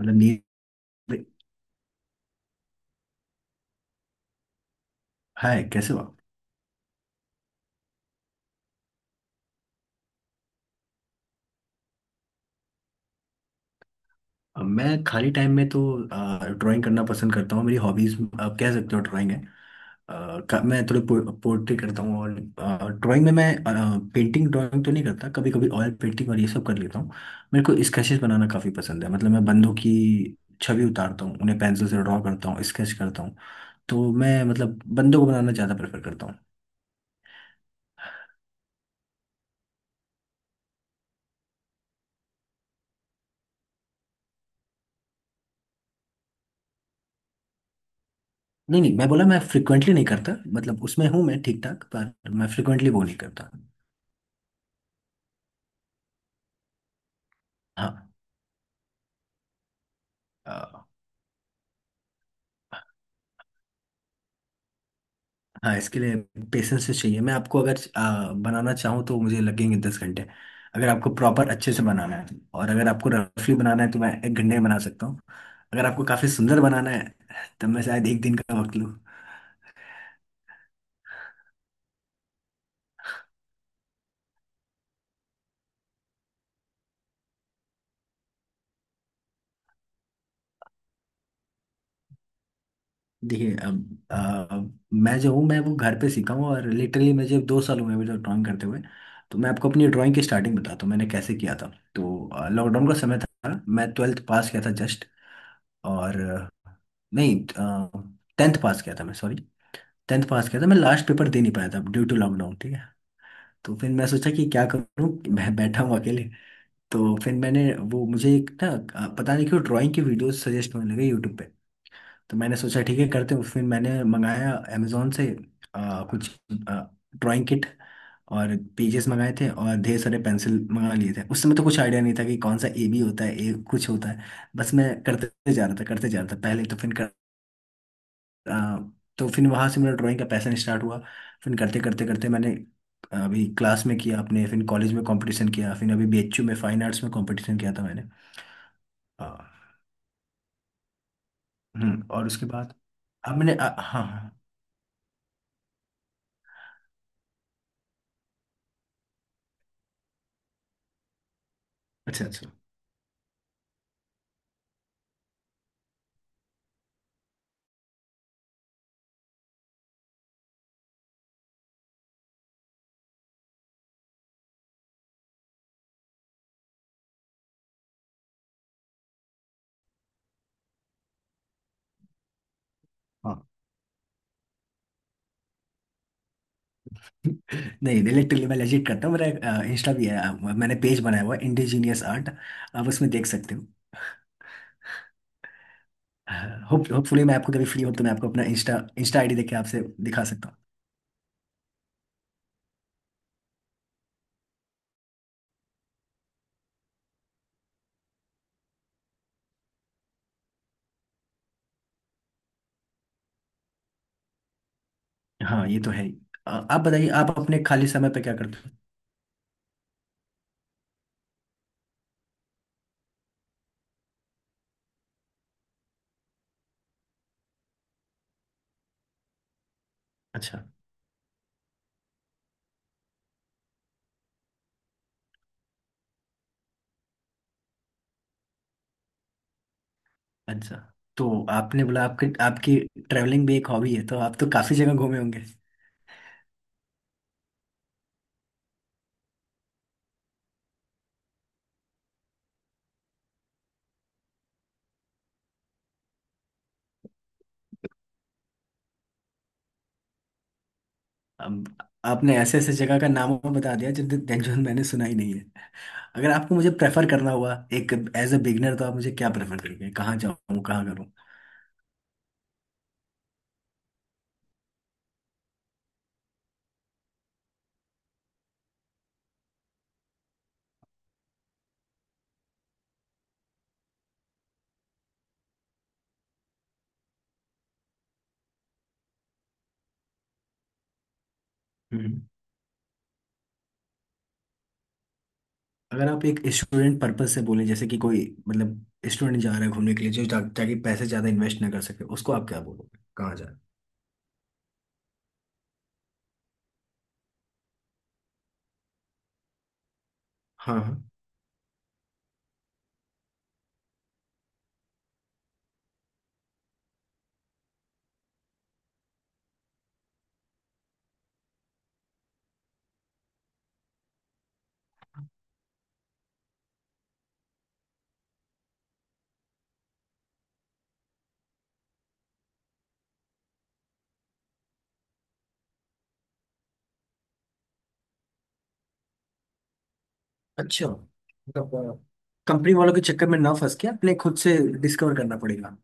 मतलब नींद। हाय कैसे हो आप? मैं खाली टाइम में तो ड्राइंग करना पसंद करता हूँ। मेरी हॉबीज आप कह सकते हो ड्राइंग है। अ, मैं थोड़ी पोर्ट्री करता हूँ और ड्राइंग में मैं पेंटिंग ड्राइंग तो नहीं करता, कभी कभी ऑयल पेंटिंग और ये सब कर लेता हूँ। मेरे को स्केचेस बनाना काफ़ी पसंद है, मतलब मैं बंदों की छवि उतारता हूँ, उन्हें पेंसिल से ड्रॉ करता हूँ, स्केच करता हूँ। तो मैं मतलब बंदों को बनाना ज़्यादा प्रेफर करता हूँ। नहीं नहीं, मैं बोला मैं फ्रिक्वेंटली नहीं करता, मतलब उसमें हूँ मैं ठीक ठाक, पर मैं फ्रिक्वेंटली वो नहीं करता। हाँ। अ, हाँ, इसके लिए पेशेंस से चाहिए। मैं आपको अगर बनाना चाहूँ तो मुझे लगेंगे 10 घंटे, अगर आपको प्रॉपर अच्छे से बनाना है। और अगर आपको रफली बनाना है तो मैं 1 घंटे में बना सकता हूँ। अगर आपको काफ़ी सुंदर बनाना है तब मैं शायद एक दिन का वक्त लूँ। देखिए, अब मैं जो हूँ मैं वो घर पे सीखा हूँ, और लिटरली मैं जब 2 साल हुए हैं मुझे ड्राइंग करते हुए। तो मैं आपको अपनी ड्राइंग की स्टार्टिंग बताता हूँ मैंने कैसे किया था। तो लॉकडाउन का समय था, मैं ट्वेल्थ पास किया था जस्ट। और नहीं, टेंथ पास किया था मैं, सॉरी। टेंथ पास किया था, मैं लास्ट पेपर दे नहीं पाया था ड्यू टू लॉकडाउन, ठीक है। तो फिर मैं सोचा कि क्या करूँ, मैं बैठा हूँ अकेले। तो फिर मैंने, वो मुझे एक ना पता नहीं क्यों ड्राइंग की वीडियोस सजेस्ट होने लगे यूट्यूब पे। तो मैंने सोचा ठीक है करते हैं, फिर मैंने मंगाया अमेजोन से कुछ ड्राइंग किट और पेजेस मंगाए थे, और ढेर सारे पेंसिल मंगा लिए थे। उस समय तो कुछ आइडिया नहीं था कि कौन सा ए बी होता है, ए कुछ होता है। बस मैं करते जा रहा था करते जा रहा था पहले, तो फिर अ, तो फिर वहां से मेरा ड्राइंग का पैशन स्टार्ट हुआ। फिर करते करते करते मैंने अभी क्लास में किया अपने, फिर कॉलेज में कंपटीशन किया, फिर अभी बीएचयू में फाइन आर्ट्स में कंपटीशन किया था मैंने। अ, हम्म, और उसके बाद अब मैंने, हाँ हाँ, अच्छा अच्छा, हाँ नहीं, लिटरली मैं लेजिट करता हूँ, मेरा इंस्टा भी है। मैंने पेज बनाया हुआ है इंडिजीनियस आर्ट, आप उसमें देख सकते हो। होपफुली, मैं आपको कभी फ्री हो तो मैं आपको अपना इंस्टा इंस्टा आईडी देके आपसे दिखा सकता हूँ। हाँ, ये तो है ही। आप बताइए, आप अपने खाली समय पे क्या करते हो। अच्छा अच्छा। तो आपने बोला आपके आपकी ट्रैवलिंग भी एक हॉबी है, तो आप तो काफी जगह घूमे होंगे। अब आपने ऐसे ऐसे जगह का नाम बता दिया जो जो मैंने सुना ही नहीं है। अगर आपको मुझे प्रेफर करना हुआ एक एज अ बिगनर, तो आप मुझे क्या प्रेफर करेंगे, कहाँ जाऊँ कहाँ करूँ? हम्म। अगर आप एक स्टूडेंट पर्पज से बोलें, जैसे कि कोई, मतलब, स्टूडेंट जा रहा है घूमने के लिए, ताकि पैसे ज्यादा इन्वेस्ट ना कर सके, उसको आप क्या बोलोगे कहाँ जाए? हाँ हाँ। अच्छा, मतलब कंपनी वालों के चक्कर में ना फंस के अपने खुद से डिस्कवर करना पड़ेगा।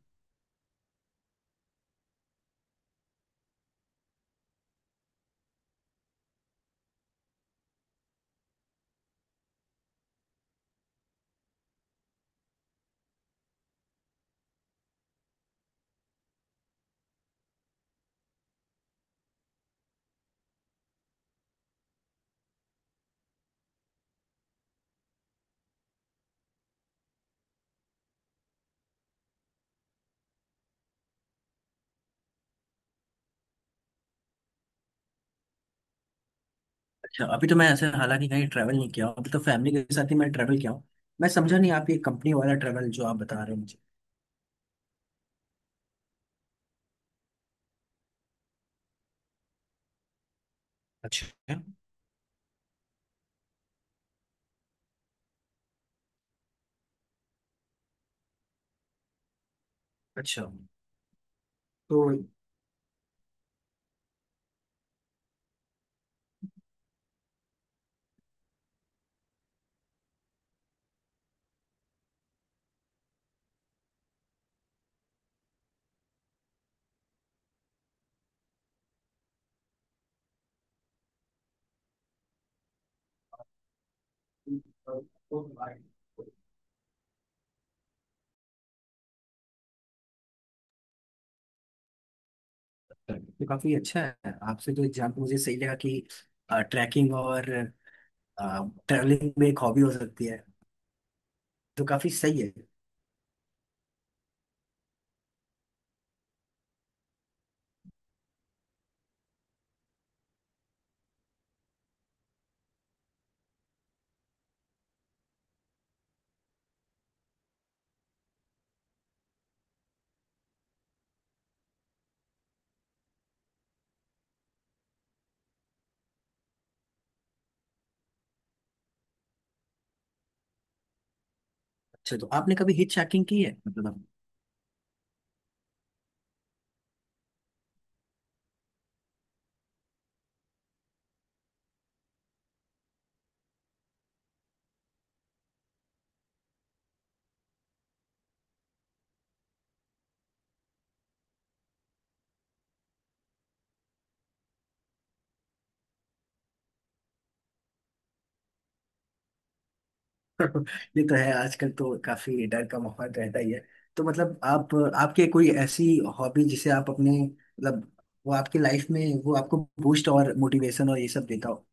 अच्छा, अभी तो मैं ऐसे हालांकि कहीं ट्रैवल नहीं किया हूँ, अभी तो फैमिली के साथ ही मैं ट्रैवल किया हूँ। मैं समझा नहीं, आप ये कंपनी वाला ट्रैवल जो आप बता रहे हो मुझे। अच्छा अच्छा। तो तो काफी अच्छा है, आपसे जो एग्जाम्पल मुझे सही लगा कि ट्रैकिंग और ट्रैवलिंग में एक हॉबी हो सकती है, तो काफी सही है। अच्छा, तो आपने कभी हिट ट्रैकिंग की है मतलब? ये तो है, आजकल तो काफी डर का माहौल रहता ही है। तो मतलब आप आपके कोई ऐसी हॉबी जिसे आप अपने, मतलब, वो आपकी लाइफ में, वो आपको बूस्ट और मोटिवेशन और ये सब देता हो।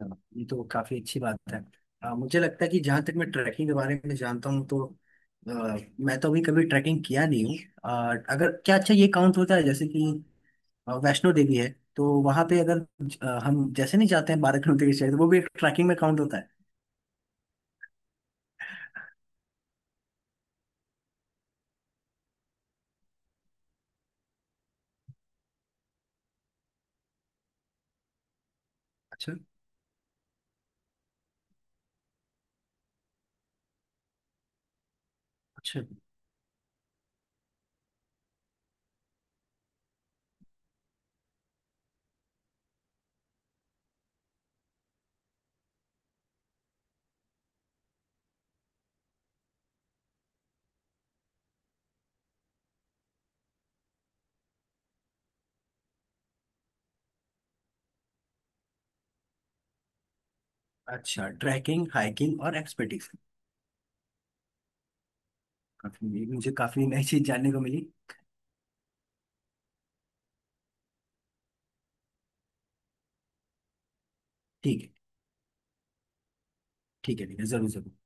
हाँ, ये तो काफी अच्छी बात है। मुझे लगता है कि जहाँ तक मैं ट्रैकिंग के बारे में जानता हूँ तो अ, मैं तो अभी कभी ट्रैकिंग किया नहीं हूँ। अगर क्या, अच्छा ये काउंट होता है, जैसे कि वैष्णो देवी है, तो वहां पे अगर हम जैसे नहीं जाते हैं 12 किलोमीटर की चढ़ाई, तो वो भी एक ट्रैकिंग में काउंट होता है। अच्छा अच्छा। अच्छा, ट्रैकिंग हाइकिंग और एक्सपेडिशन। काफी, मुझे काफी नई चीज जानने को मिली। ठीक है, ठीक है ठीक है, जरूर जरूर।